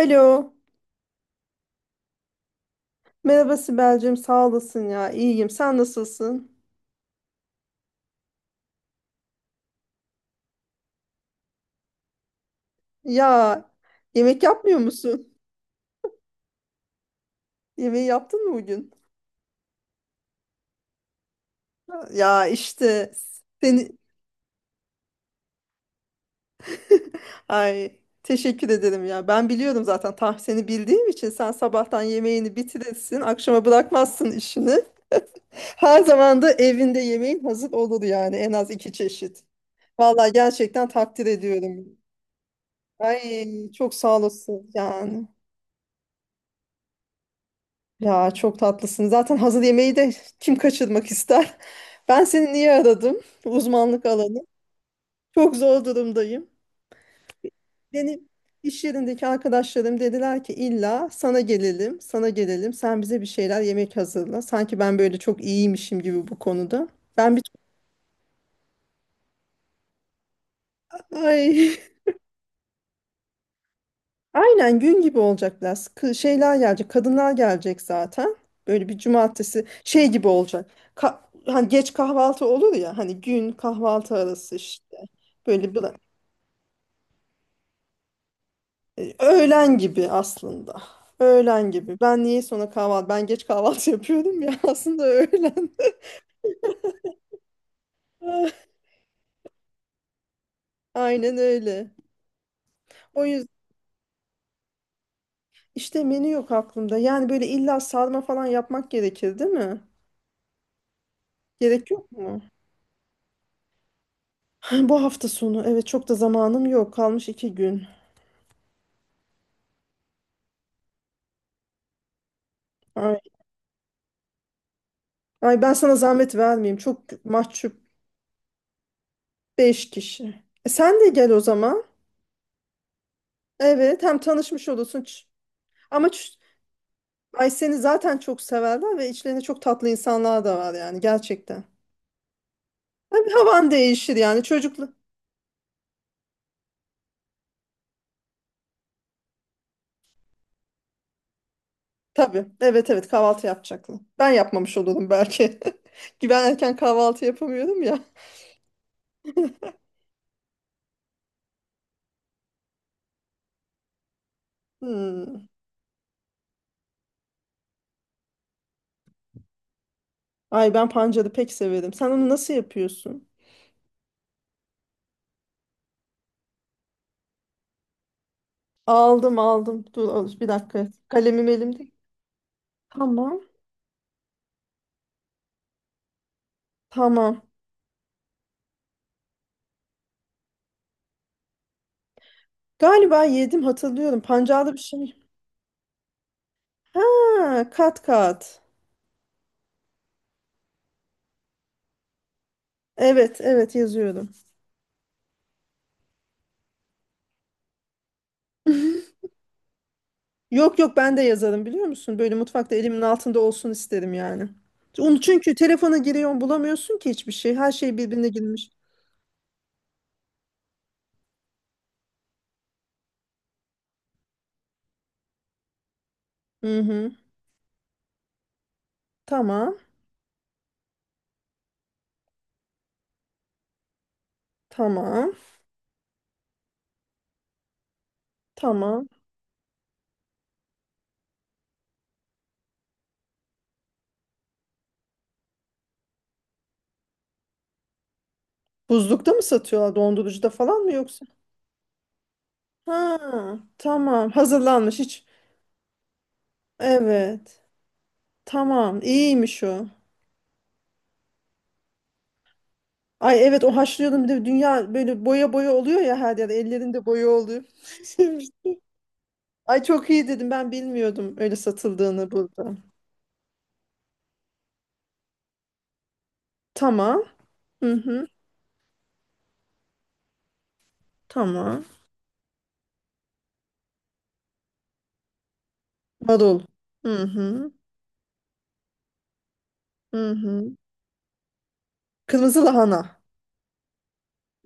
Alo. Merhaba Sibel'cim. Sağ olasın ya. İyiyim. Sen nasılsın? Ya yemek yapmıyor musun? Yemeği yaptın mı bugün? Ya işte seni ay teşekkür ederim ya. Ben biliyorum zaten tam seni bildiğim için sen sabahtan yemeğini bitirirsin, akşama bırakmazsın işini. Her zaman da evinde yemeğin hazır olur yani en az iki çeşit. Vallahi gerçekten takdir ediyorum. Ay çok sağ olasın yani. Ya çok tatlısın. Zaten hazır yemeği de kim kaçırmak ister? Ben seni niye aradım? Uzmanlık alanı. Çok zor durumdayım. Benim iş yerindeki arkadaşlarım dediler ki illa sana gelelim, sana gelelim. Sen bize bir şeyler yemek hazırla. Sanki ben böyle çok iyiymişim gibi bu konuda. Ben bir ay aynen gün gibi olacak biraz. Şeyler gelecek, kadınlar gelecek zaten. Böyle bir cumartesi şey gibi olacak. Ka- Hani geç kahvaltı olur ya hani gün kahvaltı arası işte. Böyle bir öğlen gibi aslında. Öğlen gibi. Ben niye sonra kahvaltı? Ben geç kahvaltı yapıyorum ya aslında öğlen. Ah, aynen öyle. O yüzden işte menü yok aklımda. Yani böyle illa sarma falan yapmak gerekir, değil mi? Gerek yok mu? Bu hafta sonu. Evet çok da zamanım yok. Kalmış 2 gün. Ay, ay ben sana zahmet vermeyeyim. Çok mahcup. Beş kişi. E sen de gel o zaman. Evet hem tanışmış olursun. Ama ay seni zaten çok severler ve içlerinde çok tatlı insanlar da var yani gerçekten. Tabii havan değişir yani çocuklu. Tabii evet evet kahvaltı yapacaklar. Ben yapmamış olurum belki. Ki ben erken kahvaltı yapamıyorum ya. Hmm. Ay ben pancarı pek severim. Sen onu nasıl yapıyorsun? Aldım aldım. Dur bir dakika. Kalemim elimde. Tamam. Tamam. Galiba yedim hatırlıyorum. Pancarlı bir şey. Ha, kat kat. Evet, evet yazıyorum. Yok yok ben de yazarım biliyor musun? Böyle mutfakta elimin altında olsun isterim yani. Onu çünkü telefona giriyorsun bulamıyorsun ki hiçbir şey. Her şey birbirine girmiş. Hı hı. Tamam. Tamam. Tamam. Buzlukta mı satıyorlar? Dondurucuda falan mı yoksa? Ha, tamam. Hazırlanmış hiç. Evet. Tamam. İyiymiş o. Ay evet o haşlıyordum bir de dünya böyle boya boya oluyor ya her yer ellerinde boya oluyor. Ay çok iyi dedim ben bilmiyordum öyle satıldığını burada. Tamam. Hı hı. Tamam. Marul. Hı hı. Hı hı. Kırmızı lahana.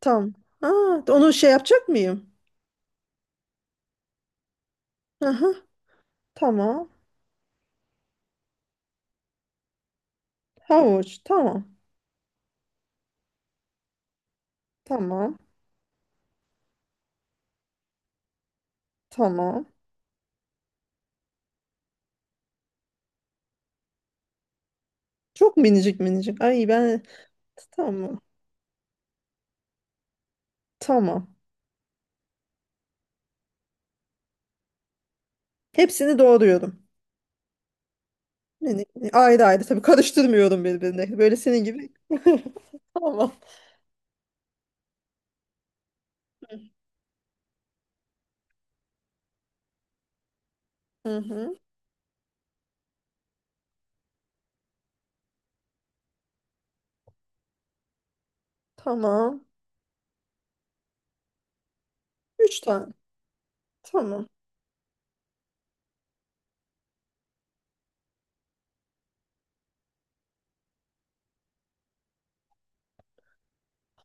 Tamam. Ha, onu şey yapacak mıyım? Hı hı. Tamam. Havuç. Tamam. Tamam. Tamam. Çok minicik minicik. Ay ben tamam. Tamam. Hepsini doğruyorum. Yani ayrı ayrı tabii karıştırmıyorum birbirine. Böyle senin gibi. Tamam. Hı hı. Tamam. Üç tane. Tamam.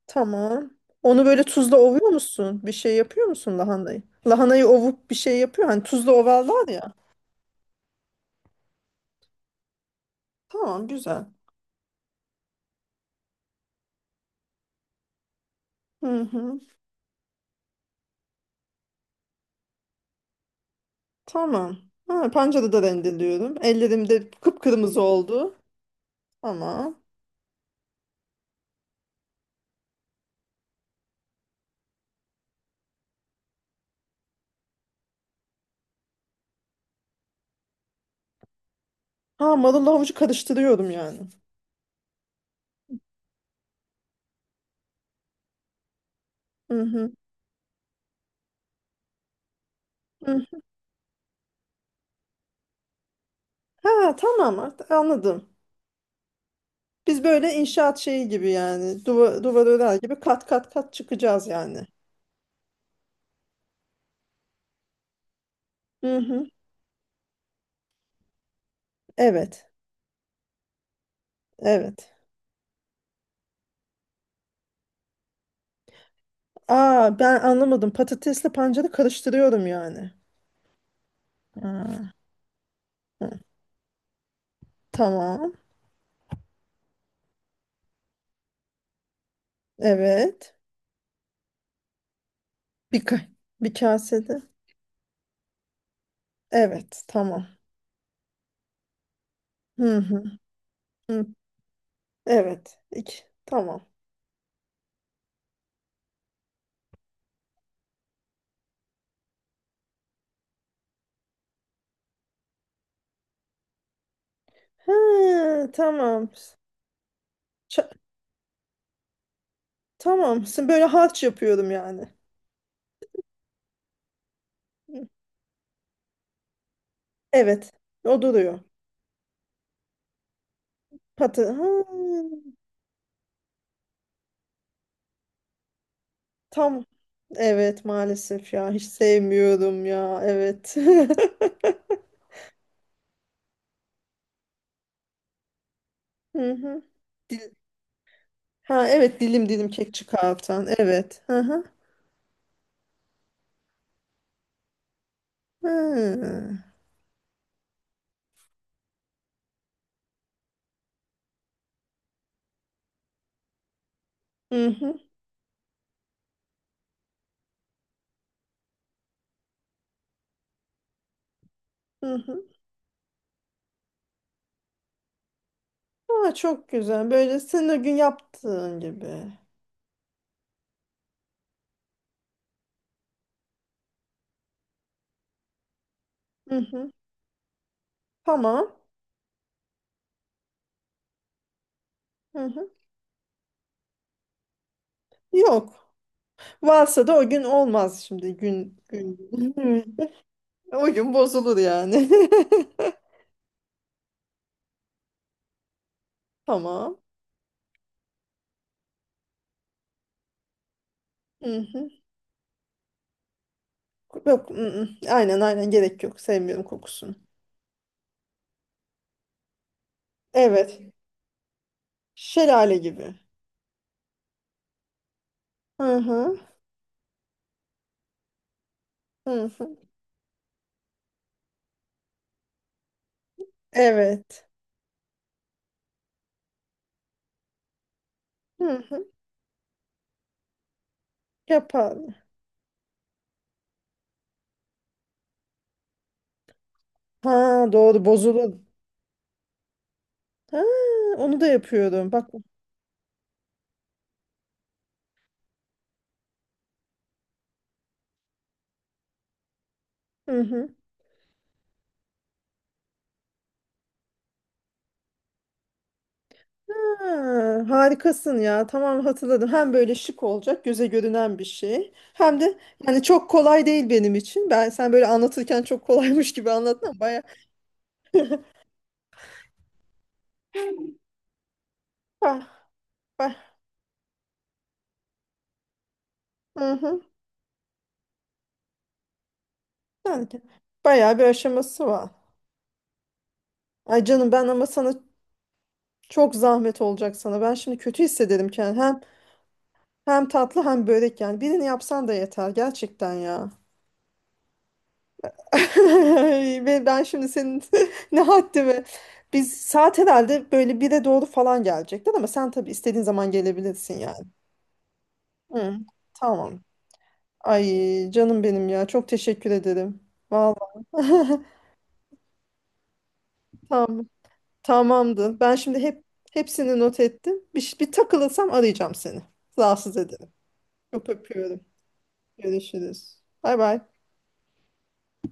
Tamam. Onu böyle tuzla ovuyor musun? Bir şey yapıyor musun lahanayı? Lahanayı ovup bir şey yapıyor. Hani tuzla ovarlar ya. Tamam güzel. Hı hı. Tamam. Ha, pancarı da rendeliyorum. Ellerimde kıpkırmızı oldu. Tamam. Ha marulla havucu karıştırıyorum yani. Hı hı. Hı. Ha tamam artık anladım. Biz böyle inşaat şeyi gibi yani duvar örer gibi kat kat kat çıkacağız yani. Hı hı. Evet. Evet. Aa ben anlamadım. Patatesle pancarı karıştırıyorum yani. Ha, hı. Tamam. Evet. Bir, ka- Bir kasede. Evet. Tamam. Hı hı. Hı. Evet. İki. Tamam. Ha, tamam. Ça- tamam. Şimdi böyle harç yapıyorum yani. Evet. O duruyor. Ha. Tam evet maalesef ya hiç sevmiyorum ya evet. Hı hı. Dil... Ha evet dilim dilim kek çıkartan evet. Hı hı. Hı hı. Hı hı. Hı. Aa, çok güzel. Böyle senin o gün yaptığın gibi. Hı hı. Tamam. Hı hı. Yok. Varsa da o gün olmaz şimdi gün gün. O gün bozulur yani. Tamam. Hı hı. Yok. I, ı. Aynen aynen gerek yok. Sevmiyorum kokusunu. Evet. Şelale gibi. Hı hı. Hı hı. Evet. Hı hı. Yapan. Ha doğru bozulun. Ha, onu da yapıyordum. Bak. Hı hı. Ha, harikasın ya. Tamam hatırladım. Hem böyle şık olacak, göze görünen bir şey. Hem de yani çok kolay değil benim için. Ben sen böyle anlatırken çok kolaymış gibi anlattın ama baya bah, bah. Hı hı. Yani bayağı bir aşaması var. Ay canım ben ama sana çok zahmet olacak sana. Ben şimdi kötü hissederim kendimi. Hem tatlı hem börek yani. Birini yapsan da yeter gerçekten ya. Ve ben şimdi senin ne haddime. Biz saat herhalde böyle 1'e doğru falan gelecekler ama sen tabii istediğin zaman gelebilirsin yani. Hı, tamam. Ay canım benim ya. Çok teşekkür ederim. Vallahi. Tamam. Tamamdır. Ben şimdi hepsini not ettim. Bir takılırsam arayacağım seni. Rahatsız ederim. Çok öpüyorum. Görüşürüz. Bay bay.